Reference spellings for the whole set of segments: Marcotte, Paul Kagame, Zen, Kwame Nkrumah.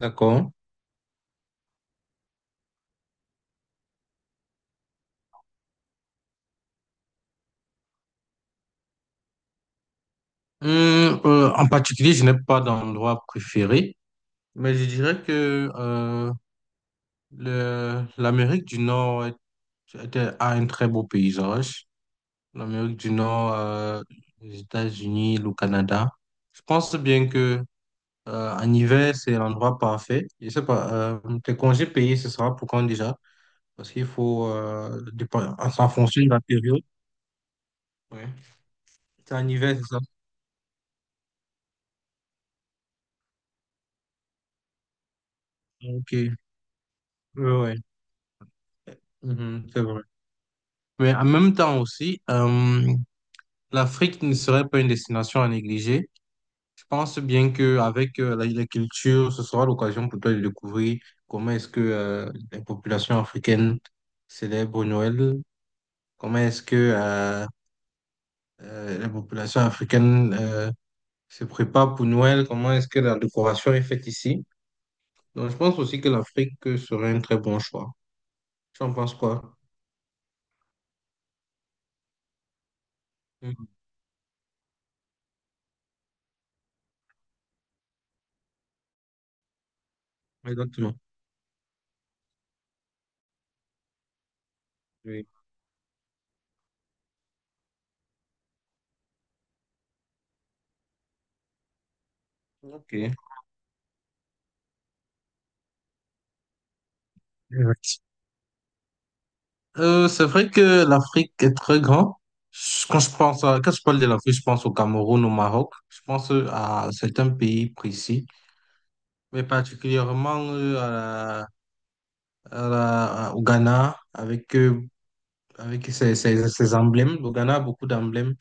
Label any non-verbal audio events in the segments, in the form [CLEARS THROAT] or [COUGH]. D'accord. En particulier, je n'ai pas d'endroit préféré, mais je dirais que l'Amérique du Nord a un très beau paysage. L'Amérique du Nord, les États-Unis, le Canada. Je pense bien que en hiver, c'est l'endroit parfait. Je sais pas, tes congés payés, ce sera pour quand déjà? Parce qu'il faut, en fonction de la période. Ouais. C'est en hiver, c'est ça? Ok. Oui, oui. Mhm, c'est vrai. Mais en même temps aussi, l'Afrique ne serait pas une destination à négliger. Je pense bien qu'avec la culture, ce sera l'occasion pour toi de découvrir comment est-ce que les populations africaines célèbrent Noël, comment est-ce que les populations africaines se préparent pour Noël, comment est-ce que la décoration est faite ici. Donc je pense aussi que l'Afrique serait un très bon choix. Tu en penses quoi? Mhm. Exactement. Oui. Ok. C'est vrai que l'Afrique est très grande. Quand je quand je parle de l'Afrique, je pense au Cameroun, au Maroc. Je pense à certains pays précis, mais particulièrement à la- à au Ghana, avec, avec ses emblèmes. Le Ghana a beaucoup d'emblèmes.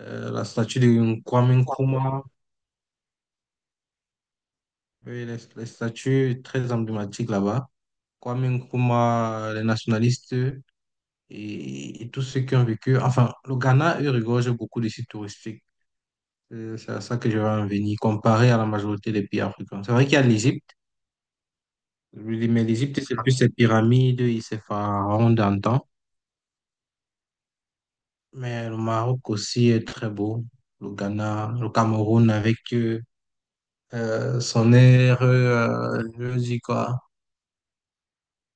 La statue de Kwame Nkrumah, oui, les statues très emblématiques là-bas. Kwame Nkrumah, les nationalistes et tous ceux qui ont vécu. Enfin, le Ghana, eux, regorge beaucoup de sites touristiques. C'est à ça que je vais en venir, comparé à la majorité des pays africains. C'est vrai qu'il y a l'Égypte, mais l'Égypte, c'est plus ses pyramides et ses pharaons d'antan. Mais le Maroc aussi est très beau. Le Ghana, le Cameroun avec son air, je dis quoi.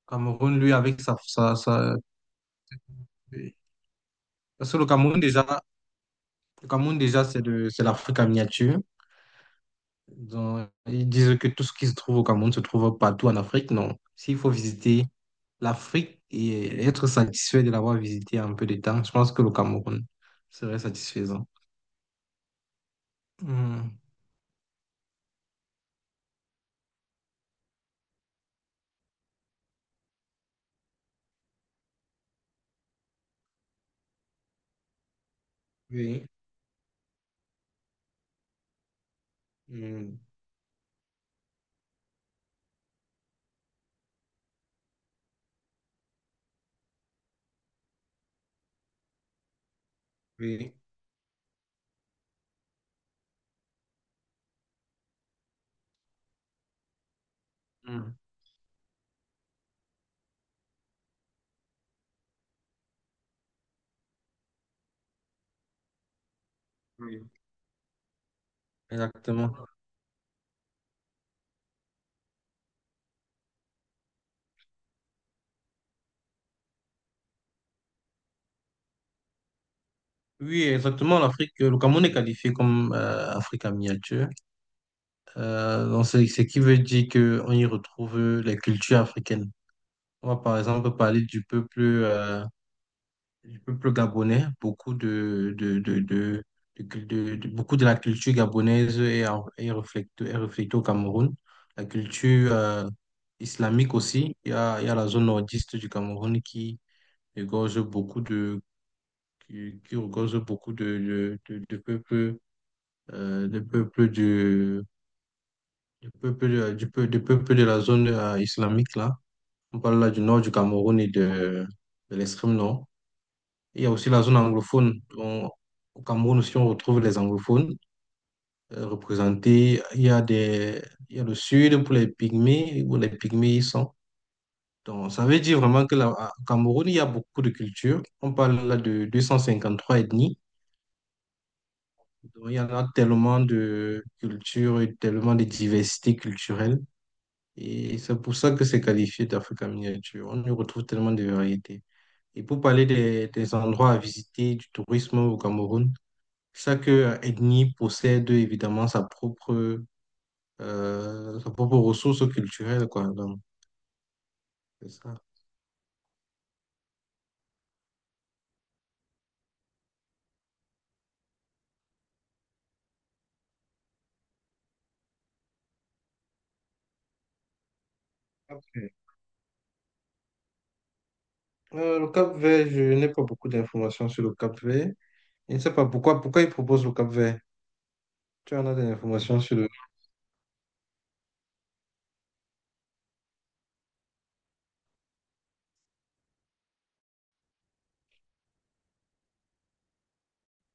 Cameroun, lui, avec parce que le Cameroun, déjà, c'est l'Afrique en miniature. Donc, ils disent que tout ce qui se trouve au Cameroun se trouve partout en Afrique. Non. S'il faut visiter l'Afrique et être satisfait de l'avoir visité en peu de temps, je pense que le Cameroun serait satisfaisant. Hmm, oui, hmm, oui, hmm, oui, exactement. Oui, exactement. L'Afrique, le Cameroun est qualifié comme Afrique en miniature. Donc c'est ce qui veut dire qu'on y retrouve les cultures africaines. On va par exemple parler du peuple. Du peuple gabonais, beaucoup de beaucoup de la culture gabonaise est est reflétée au Cameroun. La culture islamique aussi. Il y a la zone nordiste du Cameroun qui regorge beaucoup qui regorge beaucoup de peuples, de peuples du peuple, de peuples de la zone islamique là. On parle là du nord du Cameroun et de l'extrême nord. Il y a aussi la zone anglophone. Au Cameroun aussi, on retrouve les anglophones représentés. Il y a des, il y a le sud pour les pygmées, où les pygmées y sont. Donc, ça veut dire vraiment que là, au Cameroun, il y a beaucoup de cultures. On parle là de 253 ethnies. Donc, il y en a tellement de cultures et tellement de diversité culturelle. Et c'est pour ça que c'est qualifié d'Afrique miniature. On y retrouve tellement de variétés. Et pour parler des endroits à visiter, du tourisme au Cameroun, chaque ethnie possède évidemment sa propre ressource culturelle, quoi. Donc, c'est ça. Après, le Cap-Vert, je n'ai pas beaucoup d'informations sur le Cap-Vert. Je ne sais pas pourquoi, pourquoi ils proposent le Cap-Vert. Tu en as des informations sur le...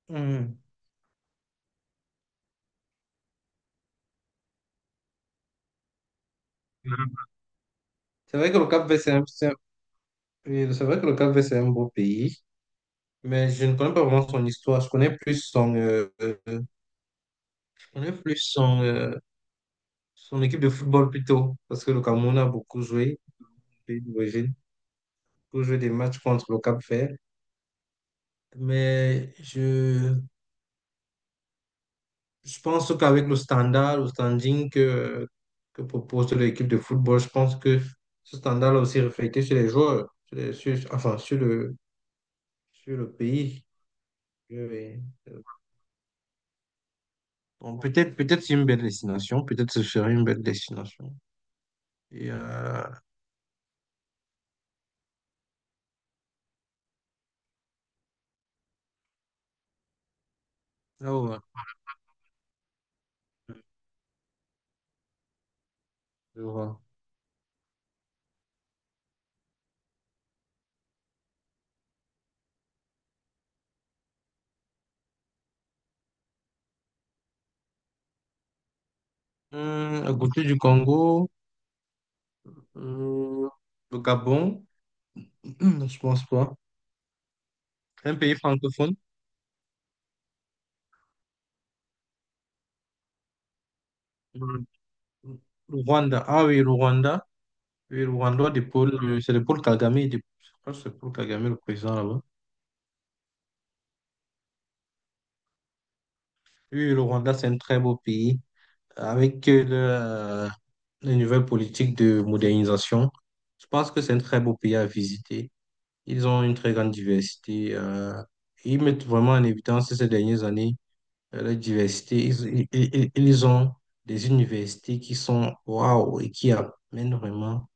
Hmm. C'est vrai que le Cap-Vert, oui, c'est vrai que le Cap-Vert, c'est un beau pays, mais je ne connais pas vraiment son histoire. Je connais plus son, je connais plus son, son équipe de football plutôt, parce que le Cameroun a beaucoup joué, le pays d'origine, pour jouer des matchs contre le Cap-Vert. Mais je pense qu'avec le standard, le standing que propose l'équipe de football, je pense que ce standard là aussi reflété sur les joueurs, enfin sur le pays. Je vais- euh, Bon, peut-être c'est une belle destination, peut-être ce serait une belle destination. Et là, ouais, je vois. À côté du Congo, hum, le Gabon, [CLEARS THROAT] je pense pas. Un pays francophone. Le Rwanda. Ah oui, le Rwanda. Oui, le Rwanda de Paul, c'est le Paul Kagame. Je crois que c'est Paul Kagame, le président là-bas. Oui, le Rwanda, c'est un très beau pays avec les nouvelles politiques de modernisation. Je pense que c'est un très beau pays à visiter. Ils ont une très grande diversité. Ils mettent vraiment en évidence ces dernières années la diversité. Ils ont des universités qui sont waouh et qui amènent vraiment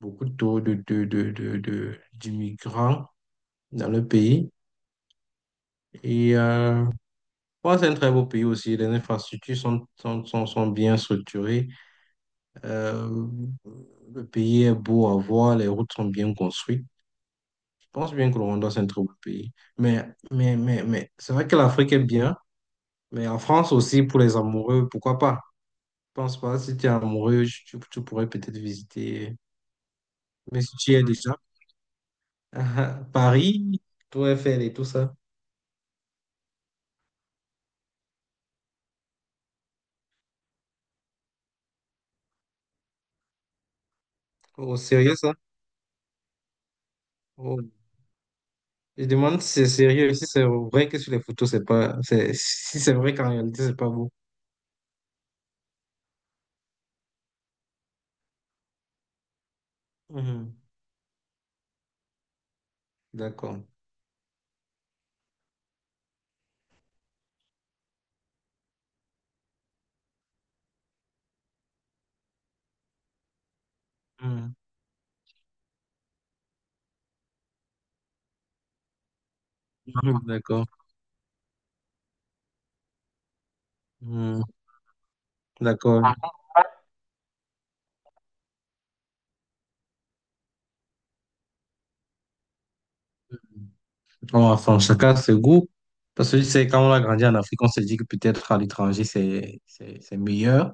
beaucoup taux de d'immigrants dans le pays. Et bon, c'est un très beau pays aussi. Les infrastructures sont bien structurées. Euh, le pays est beau à voir, les routes sont bien construites. Je pense bien que le Rwanda, c'est un très beau pays. Mais, mais c'est vrai que l'Afrique est bien, mais en France aussi, pour les amoureux, pourquoi pas? Je pense pas, si tu es amoureux, tu pourrais peut-être visiter, mais si tu y es déjà, [LAUGHS] Paris, tout Eiffel et tout ça. Au sérieux, ça? Oh. Je demande si c'est sérieux, si c'est vrai que sur les photos, c'est pas, c'est, si c'est vrai qu'en réalité, c'est pas beau. Mhm. D'accord. Mhm. Mhm. D'accord. Mhm. D'accord. Bon, enfin, chacun a ses goûts. Parce que c'est quand on a grandi en Afrique, on se dit que peut-être à l'étranger, c'est meilleur.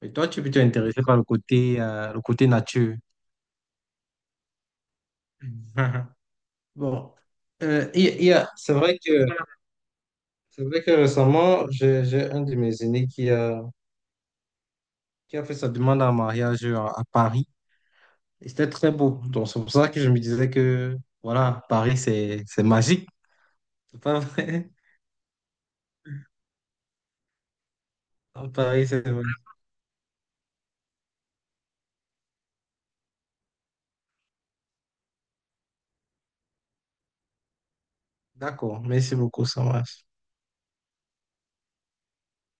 Et toi, tu es plutôt intéressé par le côté nature. [LAUGHS] Mhm. Bon, Euh, il y a- il y a- c'est vrai que, c'est vrai que récemment, j'ai un de mes aînés qui a fait sa demande en mariage à Paris. Et c'était très beau. Donc, c'est pour ça que je me disais que, voilà, Paris, c'est magique. C'est pas vrai? [LAUGHS] Paris, c'est magique. D'accord. Merci beaucoup, Samras.